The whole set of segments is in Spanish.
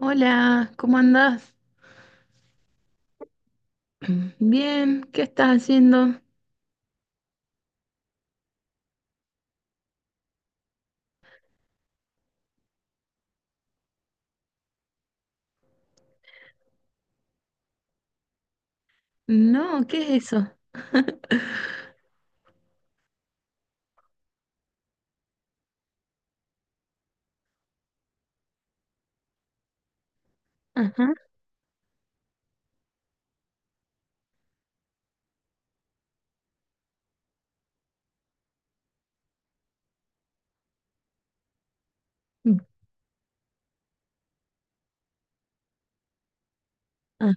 Hola, ¿cómo andás? Bien, ¿qué estás haciendo? No, ¿qué es eso? Ajá, ah,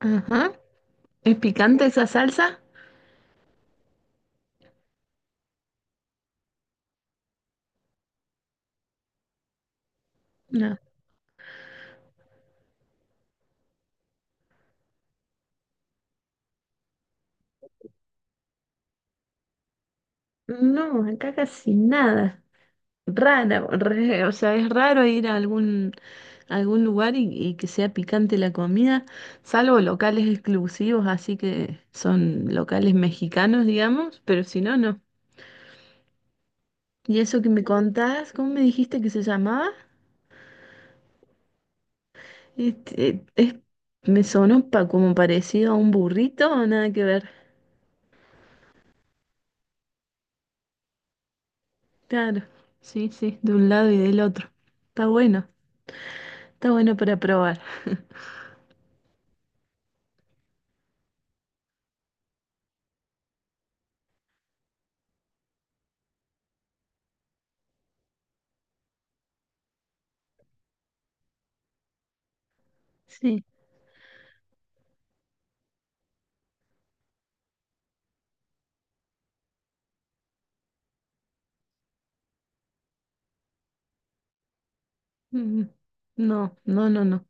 ajá. ¿Es picante esa salsa? No. No, acá casi nada. O sea, es raro ir a a algún lugar y, que sea picante la comida, salvo locales exclusivos, así que son locales mexicanos, digamos, pero si no, no. ¿Y eso que me contás? ¿Cómo me dijiste que se llamaba? Este, eh, es- Me sonó como parecido a un burrito o nada que ver. Claro, sí, sí, de un lado y del otro. Está bueno, está bueno para probar. Sí. Mm, no, no.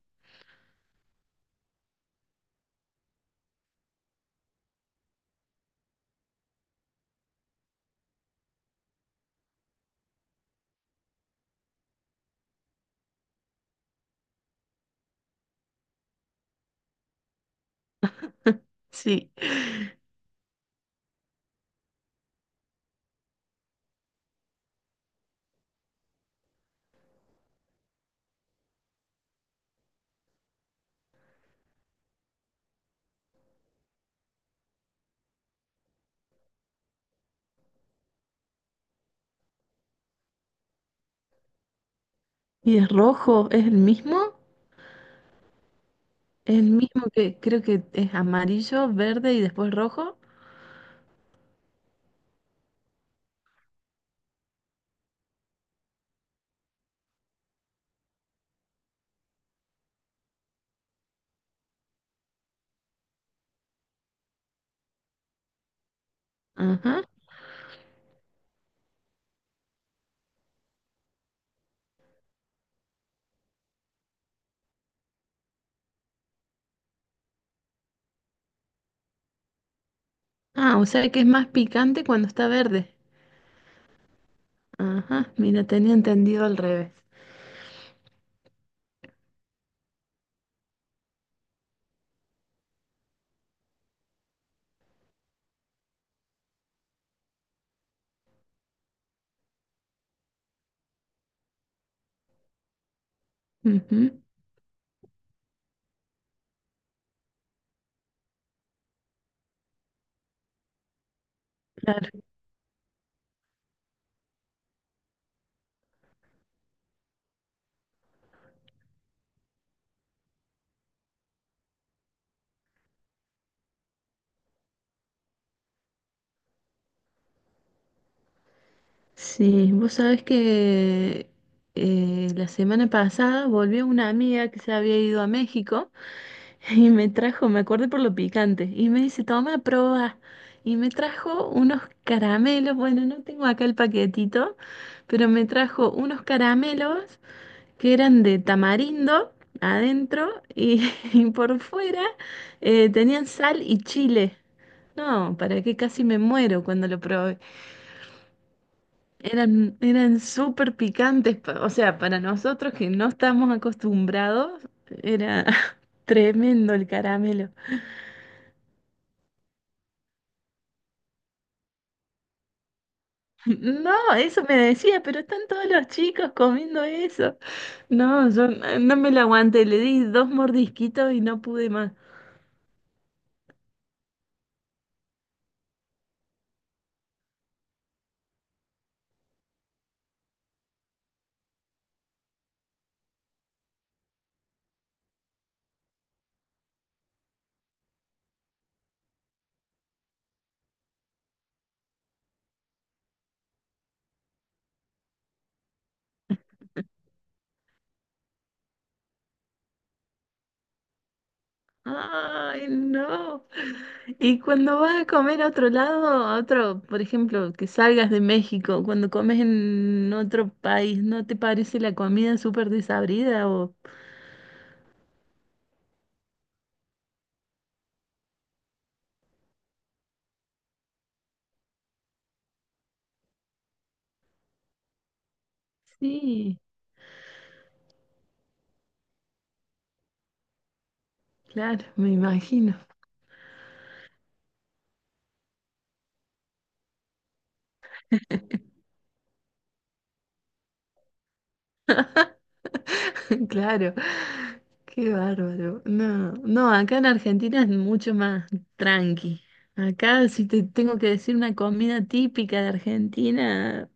Sí. ¿Y es rojo? ¿Es el mismo? ¿Es el mismo que creo que es amarillo, verde y después rojo? Ajá. Ah, o sea que es más picante cuando está verde. Ajá, mira, tenía entendido al revés. Ujú. Claro. Sí, vos sabés que la semana pasada volvió una amiga que se había ido a México y me trajo, me acordé por lo picante, y me dice, toma, prueba. Y me trajo unos caramelos, bueno, no tengo acá el paquetito, pero me trajo unos caramelos que eran de tamarindo adentro y, y por fuera tenían sal y chile. No, para qué, casi me muero cuando lo probé. Eran, eran súper picantes, o sea, para nosotros que no estamos acostumbrados, era tremendo el caramelo. No, eso me decía, pero están todos los chicos comiendo eso. No, yo no me lo aguanté, le di dos mordisquitos y no pude más. Ay, no. Y cuando vas a comer a otro lado, a otro, por ejemplo, que salgas de México, cuando comes en otro país, ¿no te parece la comida súper desabrida o... Sí, claro, me imagino, claro, qué bárbaro. No, no, acá en Argentina es mucho más tranqui. Acá si te tengo que decir una comida típica de Argentina,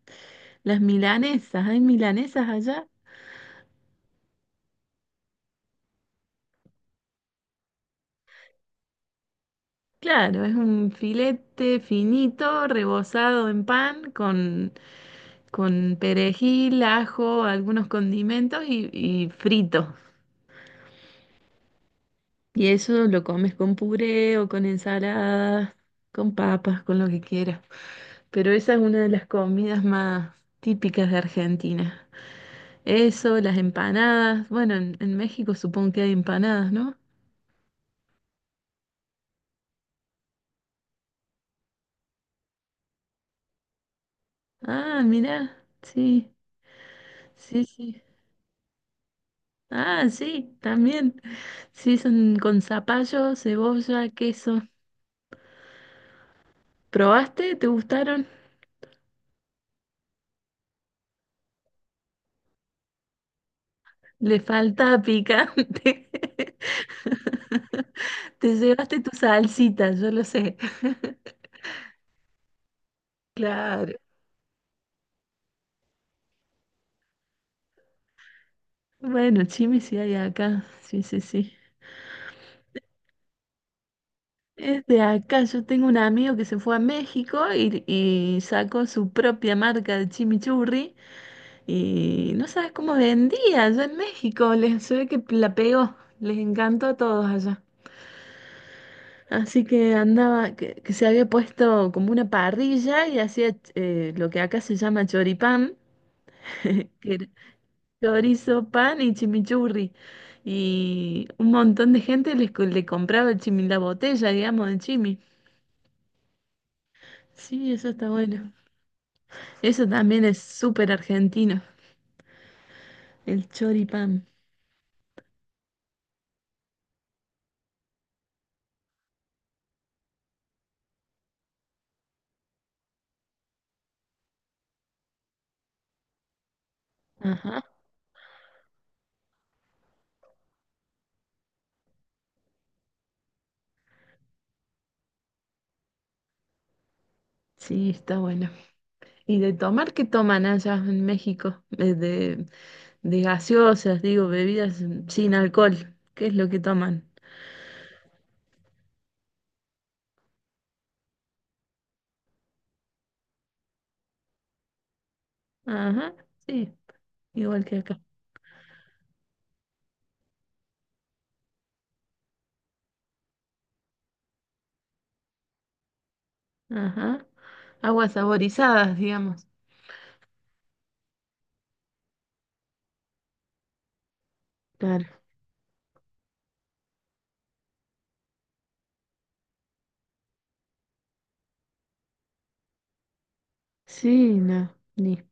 las milanesas, ¿hay milanesas allá? Claro, es un filete finito, rebozado en pan, con perejil, ajo, algunos condimentos y frito. Y eso lo comes con puré o con ensalada con papas, con lo que quieras. Pero esa es una de las comidas más típicas de Argentina. Eso, las empanadas. Bueno, en México supongo que hay empanadas, ¿no? Ah, mira, sí, sí, sí. Ah, sí, también. Sí, son con zapallo, cebolla, queso. ¿Probaste? ¿Te gustaron? Le falta picante. Te llevaste tu salsita, yo lo sé. Claro. Bueno, chimi sí hay acá. Sí, sí, sí. Es de acá. Yo tengo un amigo que se fue a México y sacó su propia marca de chimichurri y no sabes cómo vendía allá en México. Se ve que la pegó. Les encantó a todos allá. Así que andaba, que se había puesto como una parrilla y hacía lo que acá se llama choripán. que era- Chorizo, pan y chimichurri. Y un montón de gente le compraba el chimi, la botella, digamos, de chimi. Sí, eso está bueno. Eso también es súper argentino, el choripán. Ajá. Sí, está bueno. ¿Y de tomar qué toman allá en México? De gaseosas, digo, bebidas sin alcohol. ¿Qué es lo que toman? Ajá, sí, igual que acá. Ajá. Aguas saborizadas, digamos. Claro. Sí, no. Ni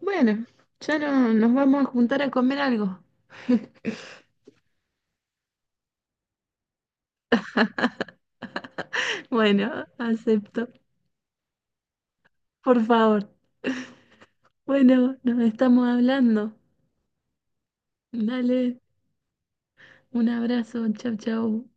bueno, ya no, nos vamos a juntar a comer algo. Bueno, acepto, por favor. Bueno, nos estamos hablando. Dale, un abrazo, chau, chau.